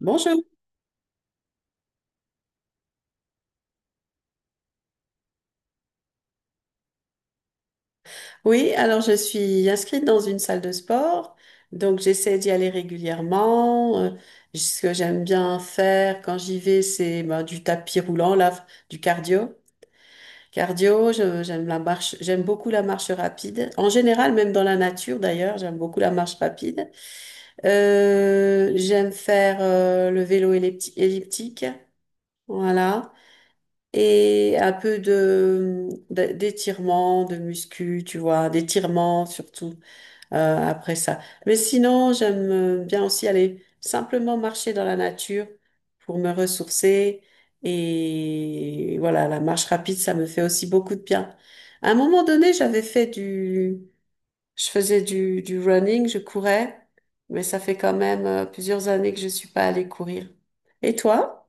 Bonjour. Oui, alors je suis inscrite dans une salle de sport, donc j'essaie d'y aller régulièrement. Ce que j'aime bien faire quand j'y vais, c'est ben, du tapis roulant, là, du cardio. Cardio, j'aime la marche, j'aime beaucoup la marche rapide. En général, même dans la nature d'ailleurs, j'aime beaucoup la marche rapide. J'aime faire le vélo elliptique, voilà. Et un peu d'étirement, de muscu, tu vois, d'étirement surtout, euh, après ça. Mais sinon, j'aime bien aussi aller simplement marcher dans la nature pour me ressourcer. Et voilà, la marche rapide, ça me fait aussi beaucoup de bien. À un moment donné, je faisais du running, je courais, mais ça fait quand même plusieurs années que je suis pas allée courir. Et toi?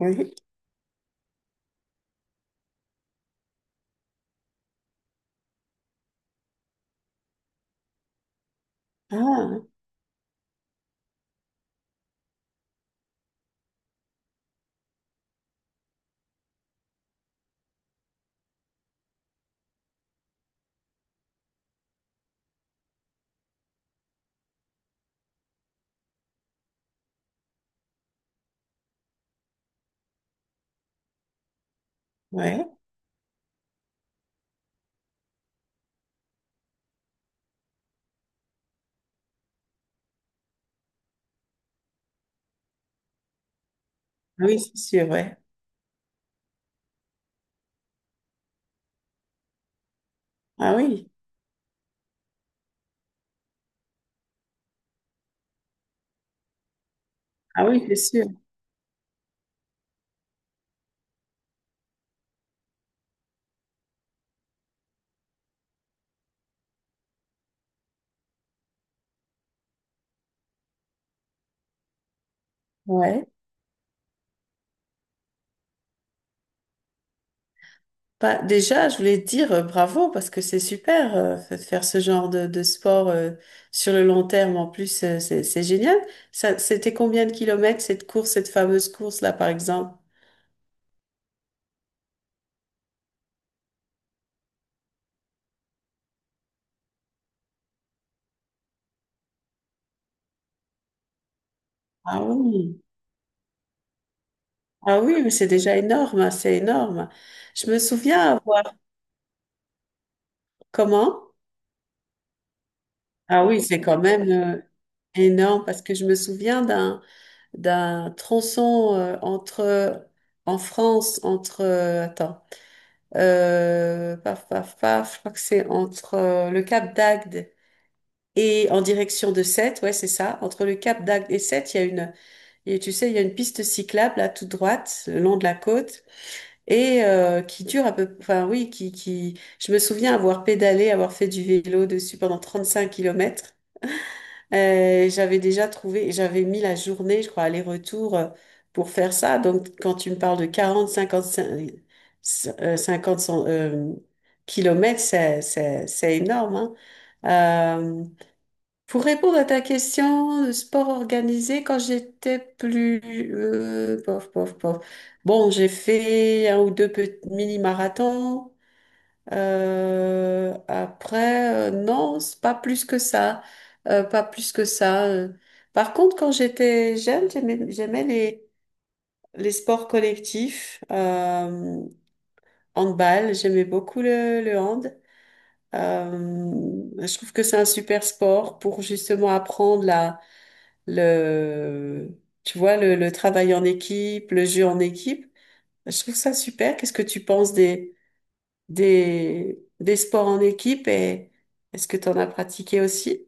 Oui. Ah, ouais. Ah oui, c'est sûr, ouais. Ah oui. Ah oui, c'est sûr. Ouais. Bah, déjà, je voulais te dire bravo parce que c'est super de faire ce genre de sport sur le long terme. En plus, c'est génial. Ça, c'était combien de kilomètres cette course, cette fameuse course là, par exemple? Ah oui, ah oui, mais c'est déjà énorme, hein, c'est énorme. Je me souviens avoir comment? Ah oui, c'est quand même énorme parce que je me souviens d'un tronçon entre en France entre attends. Paf, paf, paf, je crois que c'est entre le Cap d'Agde et en direction de Sète, ouais, c'est ça. Entre le Cap d'Agde et Sète, il y a- tu sais, il y a une piste cyclable là, toute droite, le long de la côte, et qui dure à peu, enfin oui, qui, je me souviens avoir pédalé, avoir fait du vélo dessus pendant 35 kilomètres. J'avais déjà trouvé, j'avais mis la journée, je crois, aller-retour pour faire ça. Donc, quand tu me parles de 40 50 kilomètres, c'est énorme, hein. Euh, pour répondre à ta question, le sport organisé, quand j'étais plus... pof, pof, pof. Bon, j'ai fait un ou deux petits mini-marathons. Après, non, c'est pas plus que ça. Pas plus que ça, euh. Par contre, quand j'étais jeune, j'aimais les sports collectifs. Handball, j'aimais beaucoup le hand. Euh, je trouve que c'est un super sport pour justement apprendre le, tu vois, le travail en équipe, le jeu en équipe. Je trouve ça super. Qu'est-ce que tu penses des? Des sports en équipe et est-ce que tu en as pratiqué aussi?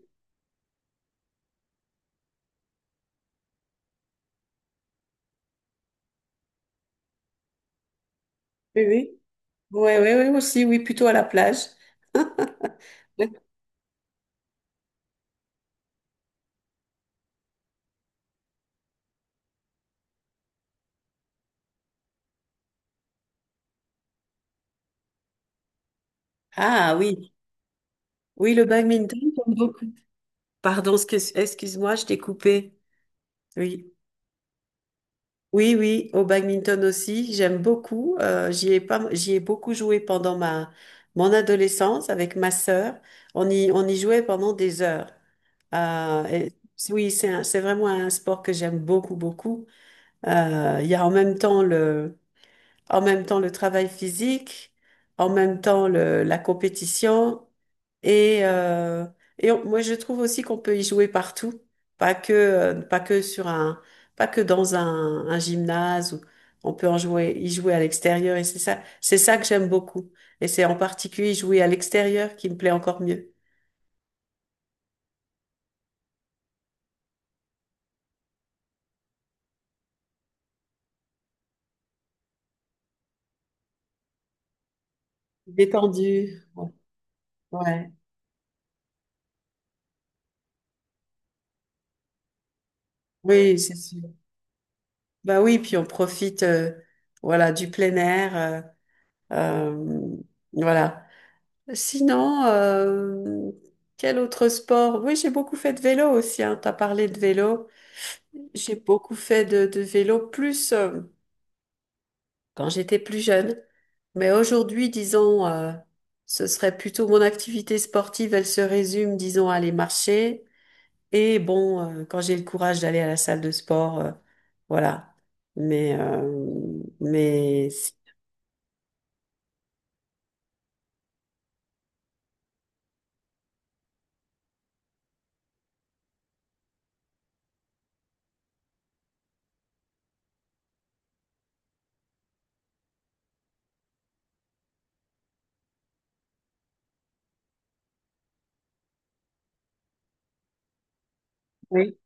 Oui, oui. Oui, oui, oui, aussi, oui, plutôt à la plage. Ah oui, oui, le badminton, j'aime beaucoup. Pardon, excuse-moi, je t'ai coupé. Oui, oui, oui, au badminton aussi, j'aime beaucoup. J'y ai pas, j'y ai beaucoup joué pendant ma mon adolescence avec ma sœur. On y jouait pendant des heures. Et- oui, c'est c'est vraiment un sport que j'aime beaucoup, beaucoup. Il y a en même temps en même temps le travail physique, en même temps la compétition. Et, moi, je trouve aussi qu'on peut y jouer partout, pas que sur un, pas que dans un gymnase. Ou, on peut en jouer, y jouer à l'extérieur. Et c'est ça que j'aime beaucoup. Et c'est en particulier jouer à l'extérieur qui me plaît encore mieux. Détendu. Ouais. Oui, c'est sûr. Bah oui, puis on profite, voilà, du plein air. Euh, voilà. Sinon, quel autre sport? Oui, j'ai beaucoup fait de vélo aussi, hein. Tu as parlé de vélo. J'ai beaucoup fait de vélo plus quand j'étais plus jeune. Mais aujourd'hui, disons, ce serait plutôt mon activité sportive, elle se résume, disons, à aller marcher. Et bon, quand j'ai le courage d'aller à la salle de sport, voilà. Mais, euh, mais, si- oui,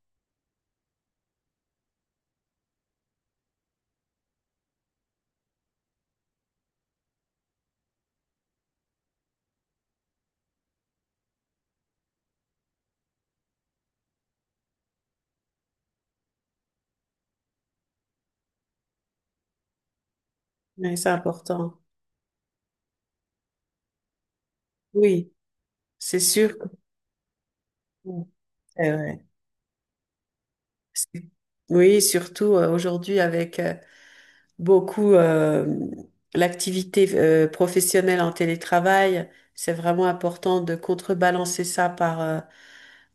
mais c'est important. Oui, c'est sûr. Eh ouais. C'est- oui, surtout aujourd'hui avec beaucoup l'activité professionnelle en télétravail, c'est vraiment important de contrebalancer ça par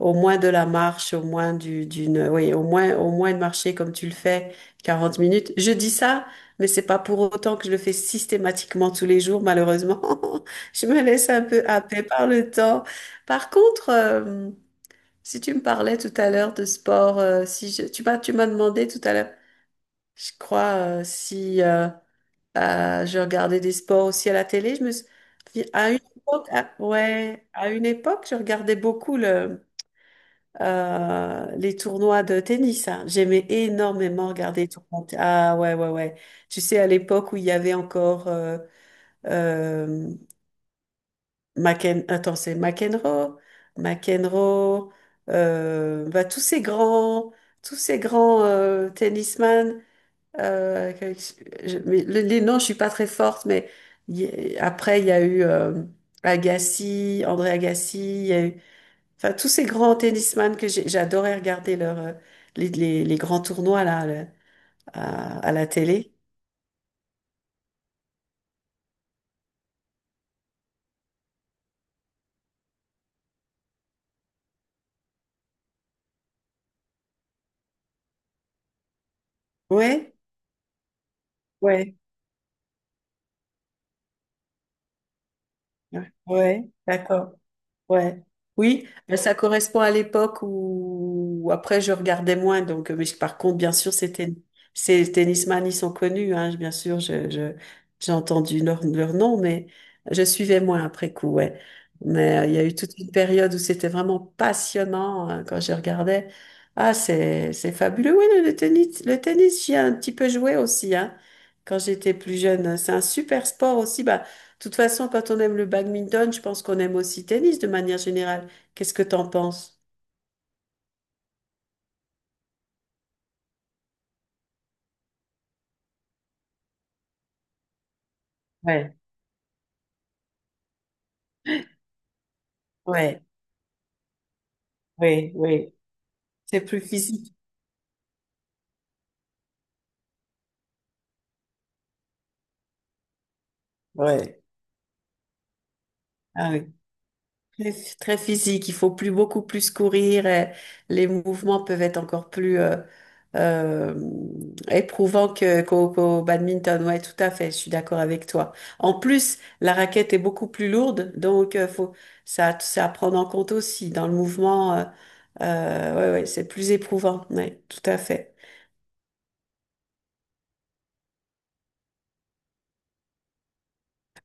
au moins de la marche, au moins du, d'une, oui, au moins de marcher comme tu le fais 40 minutes. Je dis ça, mais c'est pas pour autant que je le fais systématiquement tous les jours, malheureusement. Je me laisse un peu happer par le temps. Par contre, si tu me parlais tout à l'heure de sport, si je- tu m'as demandé tout à l'heure, je crois si je regardais des sports aussi à la télé, je me suis- à une époque, à- ouais, à une époque, je regardais beaucoup le les tournois de tennis, hein. J'aimais énormément regarder les tournois. De- Ah ouais ouais ouais. Tu sais à l'époque où il y avait encore euh, McEn... Attends, c'est McEnroe, McEnroe, bah, tous ces grands tennisman, euh, que- mais les noms, je suis pas très forte, mais il y a- après il y a eu Agassi, André Agassi, il y a eu, enfin tous ces grands tennisman j'adorais regarder leur, les grands tournois là le- à la télé. Ouais, ouais, ouais, d'accord. Ouais. Oui, ben, ça correspond à l'époque où, où après je regardais moins. Donc, par contre, bien sûr, ces tennisman, ils sont connus. Hein, bien sûr, j'ai entendu leur, leur nom, mais je suivais moins après coup. Ouais. Mais il y a eu toute une période où c'était vraiment passionnant hein, quand je regardais. Ah, c'est fabuleux. Oui, le tennis, j'y ai un petit peu joué aussi. Hein, quand j'étais plus jeune, c'est un super sport aussi. Bah, de toute façon, quand on aime le badminton, je pense qu'on aime aussi le tennis de manière générale. Qu'est-ce que t'en penses? Ouais, ouais, oui, oui. C'est plus physique. Ouais. Ah oui. Très, très physique, il faut plus beaucoup plus courir et les mouvements peuvent être encore plus euh, éprouvants que, qu'au badminton. Ouais, tout à fait, je suis d'accord avec toi. En plus, la raquette est beaucoup plus lourde, donc faut ça, ça à prendre en compte aussi dans le mouvement, ouais, ouais, c'est plus éprouvant. Ouais, tout à fait.